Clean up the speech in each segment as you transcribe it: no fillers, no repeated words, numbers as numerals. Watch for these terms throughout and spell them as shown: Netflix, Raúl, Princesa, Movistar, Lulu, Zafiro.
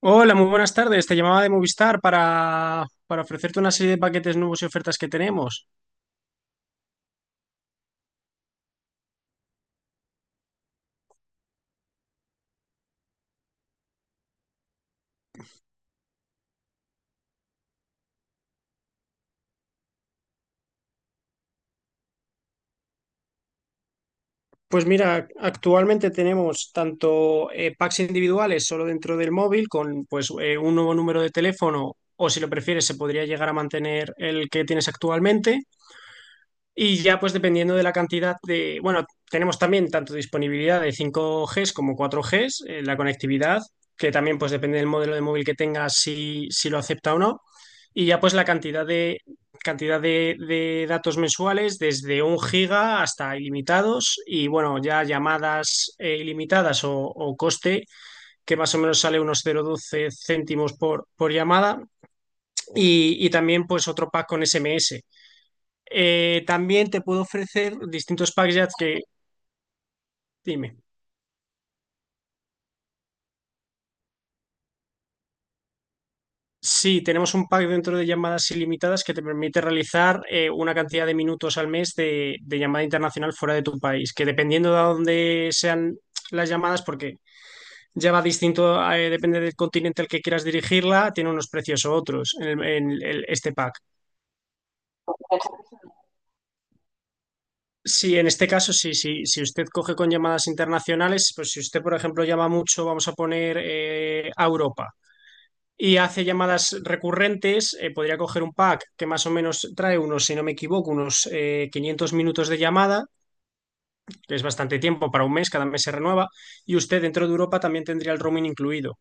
Hola, muy buenas tardes. Te llamaba de Movistar para ofrecerte una serie de paquetes nuevos y ofertas que tenemos. Pues mira, actualmente tenemos tanto packs individuales solo dentro del móvil con pues un nuevo número de teléfono, o si lo prefieres se podría llegar a mantener el que tienes actualmente. Y ya pues dependiendo de la cantidad de, bueno, tenemos también tanto disponibilidad de 5G como 4G, la conectividad, que también pues depende del modelo de móvil que tengas, si lo acepta o no. Y ya pues la cantidad de datos mensuales desde un giga hasta ilimitados, y bueno, ya llamadas ilimitadas o coste, que más o menos sale unos 0,12 céntimos por llamada, y también pues otro pack con SMS. También te puedo ofrecer distintos packs ya que, dime. Sí, tenemos un pack dentro de llamadas ilimitadas que te permite realizar una cantidad de minutos al mes de llamada internacional fuera de tu país, que dependiendo de a dónde sean las llamadas, porque ya va distinto, depende del continente al que quieras dirigirla, tiene unos precios u otros en este pack. Sí, en este caso, sí, sí, si usted coge con llamadas internacionales, pues si usted, por ejemplo, llama mucho, vamos a poner a Europa, y hace llamadas recurrentes, podría coger un pack que más o menos trae unos, si no me equivoco, unos 500 minutos de llamada, que es bastante tiempo para un mes, cada mes se renueva, y usted dentro de Europa también tendría el roaming incluido.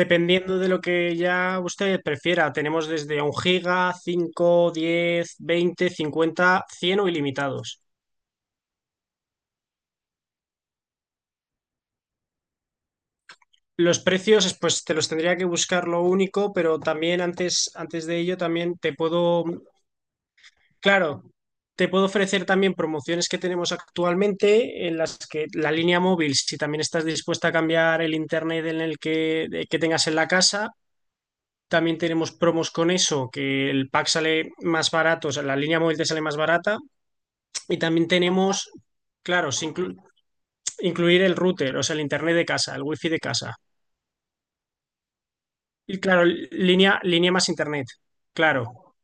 Dependiendo de lo que ya usted prefiera, tenemos desde un giga, cinco, 10, 20, 50, 100 o ilimitados. Los precios, pues te los tendría que buscar, lo único, pero también antes de ello, también te puedo. Claro, te puedo ofrecer también promociones que tenemos actualmente en las que la línea móvil, si también estás dispuesta a cambiar el internet en el que, que tengas en la casa, también tenemos promos con eso, que el pack sale más barato, o sea, la línea móvil te sale más barata. Y también tenemos, claro, sin incluir el router, o sea, el internet de casa, el wifi de casa. Y claro, línea más internet, claro.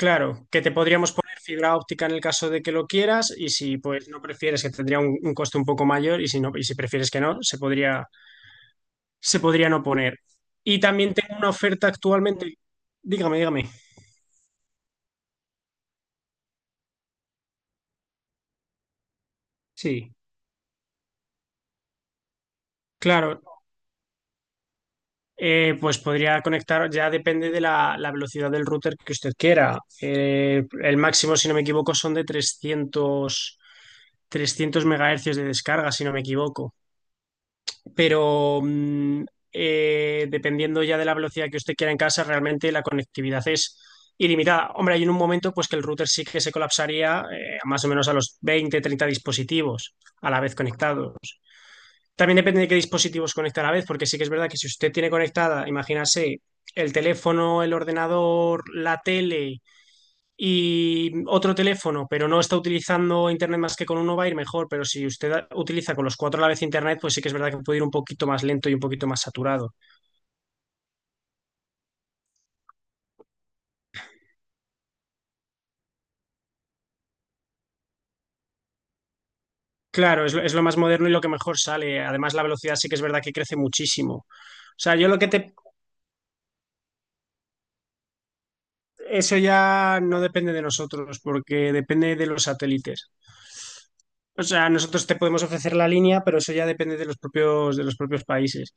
Claro, que te podríamos poner fibra óptica en el caso de que lo quieras, y si pues no prefieres, que tendría un coste un poco mayor, y si no, y si prefieres que no, se podría no poner. Y también tengo una oferta actualmente. Dígame, dígame. Sí, claro. Pues podría conectar, ya depende de la velocidad del router que usted quiera. El máximo, si no me equivoco, son de trescientos megahercios de descarga, si no me equivoco. Pero dependiendo ya de la velocidad que usted quiera en casa, realmente la conectividad es ilimitada. Hombre, hay en un momento pues que el router sí que se colapsaría, más o menos a los 20, 30 dispositivos a la vez conectados. También depende de qué dispositivos conecta a la vez, porque sí que es verdad que si usted tiene conectada, imagínase, el teléfono, el ordenador, la tele y otro teléfono, pero no está utilizando internet más que con uno, va a ir mejor. Pero si usted utiliza con los cuatro a la vez internet, pues sí que es verdad que puede ir un poquito más lento y un poquito más saturado. Claro, es lo más moderno y lo que mejor sale. Además, la velocidad sí que es verdad que crece muchísimo. O sea, yo lo que te. Eso ya no depende de nosotros, porque depende de los satélites. O sea, nosotros te podemos ofrecer la línea, pero eso ya depende de los propios países.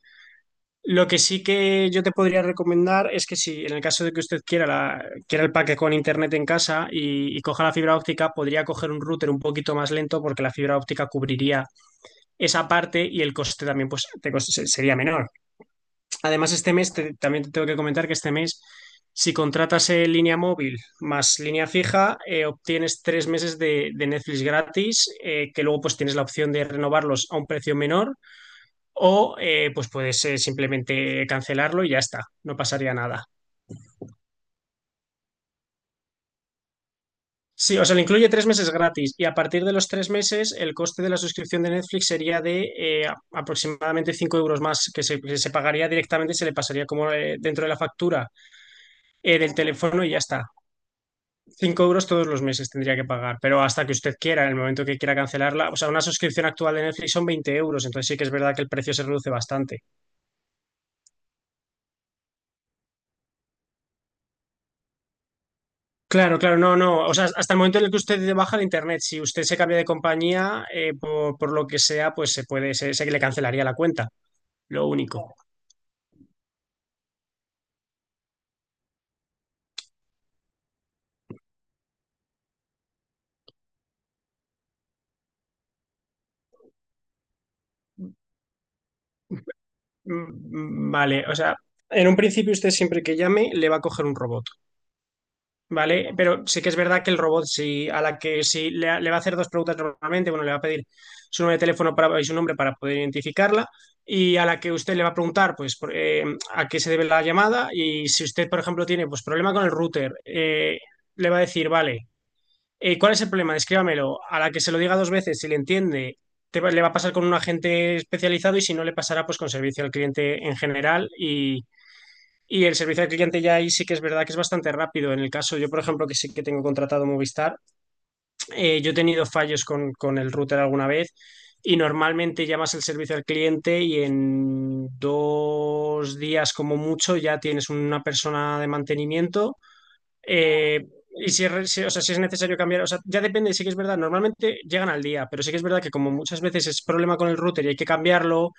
Lo que sí que yo te podría recomendar es que si en el caso de que usted quiera, quiera el paquete con internet en casa y coja la fibra óptica, podría coger un router un poquito más lento, porque la fibra óptica cubriría esa parte y el coste también, pues, te sería menor. Además, este mes también te tengo que comentar que este mes, si contratas línea móvil más línea fija, obtienes 3 meses de Netflix gratis, que luego pues tienes la opción de renovarlos a un precio menor, o pues puedes simplemente cancelarlo y ya está, no pasaría nada. Sí, o sea, le incluye 3 meses gratis, y a partir de los 3 meses el coste de la suscripción de Netflix sería de aproximadamente 5 euros más, que se pagaría directamente, se le pasaría como, dentro de la factura, del teléfono, y ya está. 5 euros todos los meses tendría que pagar, pero hasta que usted quiera, en el momento que quiera cancelarla, o sea, una suscripción actual de Netflix son 20 euros, entonces sí que es verdad que el precio se reduce bastante. Claro, claro, no, no. O sea, hasta el momento en el que usted baja de internet, si usted se cambia de compañía, por lo que sea, pues se puede, se le cancelaría la cuenta. Lo único. Mm, mm, vale, o sea, en un principio usted siempre que llame le va a coger un robot. Vale, pero sí que es verdad que el robot, si a la que si le va a hacer dos preguntas normalmente, bueno, le va a pedir su número de teléfono para, y su nombre para poder identificarla, y a la que usted le va a preguntar, pues, por, a qué se debe la llamada, y si usted, por ejemplo, tiene, pues, problema con el router, le va a decir, vale, ¿cuál es el problema? Descríbamelo. A la que se lo diga dos veces, si le entiende, le va a pasar con un agente especializado, y si no, le pasará, pues, con servicio al cliente en general, y el servicio al cliente ya ahí sí que es verdad que es bastante rápido. En el caso, yo por ejemplo, que sí que tengo contratado Movistar, yo he tenido fallos con el router alguna vez, y normalmente llamas el servicio al cliente y en 2 días como mucho ya tienes una persona de mantenimiento. eh, y si es, o sea, si es necesario cambiar, o sea, ya depende, sí que es verdad, normalmente llegan al día, pero sí que es verdad que como muchas veces es problema con el router y hay que cambiarlo,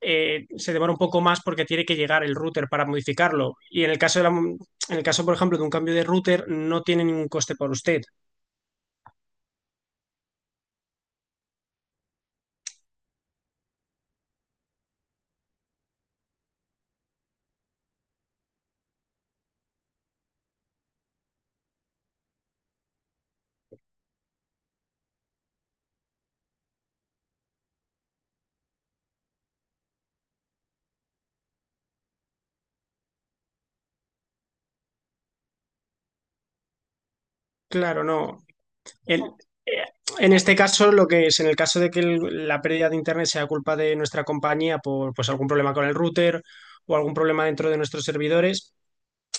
se demora un poco más porque tiene que llegar el router para modificarlo. Y en el caso, por ejemplo, de un cambio de router, no tiene ningún coste por usted. Claro, no. El- eh, en este caso, lo que es, en el caso de que la pérdida de internet sea culpa de nuestra compañía por pues algún problema con el router, o algún problema dentro de nuestros servidores.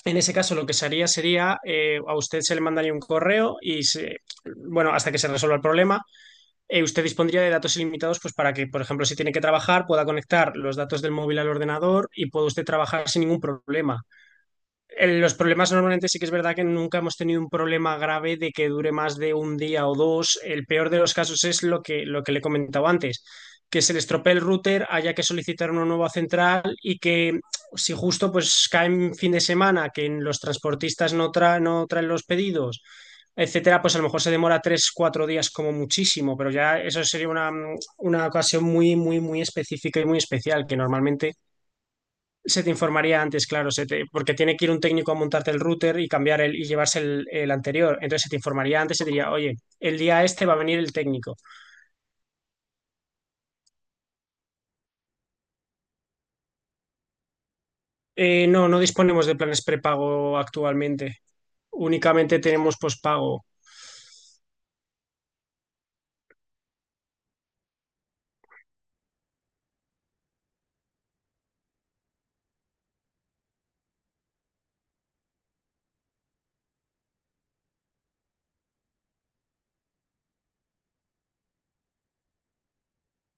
En ese caso, lo que se haría sería, a usted se le mandaría un correo y, bueno, hasta que se resuelva el problema, usted dispondría de datos ilimitados, pues, para que, por ejemplo, si tiene que trabajar, pueda conectar los datos del móvil al ordenador y pueda usted trabajar sin ningún problema. Los problemas normalmente sí que es verdad que nunca hemos tenido un problema grave de que dure más de un día o dos. El peor de los casos es lo que le he comentado antes, que se le estropee el router, haya que solicitar una nueva central, y que si justo pues cae en fin de semana, que los transportistas no, no traen los pedidos, etcétera, pues a lo mejor se demora 3, 4 días como muchísimo, pero ya eso sería una ocasión muy, muy, muy específica y muy especial, que normalmente se te informaría antes, claro, porque tiene que ir un técnico a montarte el router y cambiar el, y llevarse el anterior. Entonces se te informaría antes, se te diría, oye, el día este va a venir el técnico. No, no disponemos de planes prepago actualmente. Únicamente tenemos pospago.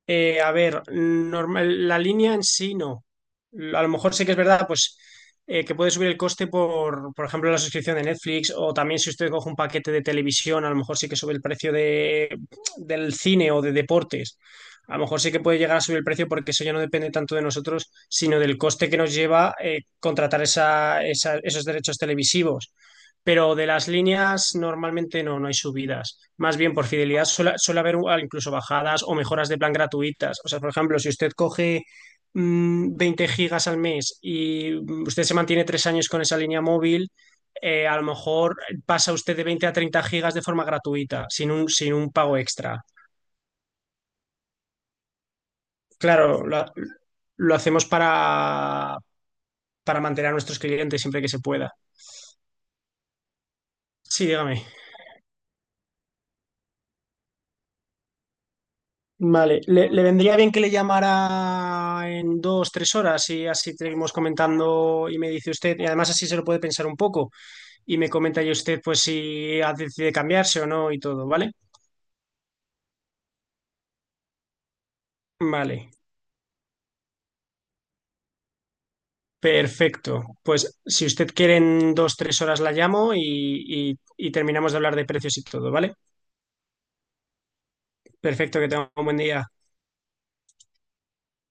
A ver, normal, la línea en sí no. A lo mejor sí que es verdad, pues, que puede subir el coste, por ejemplo, la suscripción de Netflix, o también si usted coge un paquete de televisión, a lo mejor sí que sube el precio del cine o de deportes. A lo mejor sí que puede llegar a subir el precio porque eso ya no depende tanto de nosotros, sino del coste que nos lleva contratar esa, esos derechos televisivos, pero de las líneas normalmente no, no hay subidas. Más bien por fidelidad suele haber, incluso, bajadas o mejoras de plan gratuitas. O sea, por ejemplo, si usted coge 20 gigas al mes y usted se mantiene 3 años con esa línea móvil, a lo mejor pasa usted de 20 a 30 gigas de forma gratuita, sin un pago extra. Claro, lo hacemos para, mantener a nuestros clientes siempre que se pueda. Sí, dígame. Vale, le vendría bien que le llamara en 2, 3 horas, y así seguimos comentando y me dice usted, y además así se lo puede pensar un poco, y me comenta ya usted pues si decide cambiarse o no y todo, ¿vale? Vale, perfecto. Pues si usted quiere en 2, 3 horas la llamo, y terminamos de hablar de precios y todo, ¿vale? Perfecto, que tenga un buen día.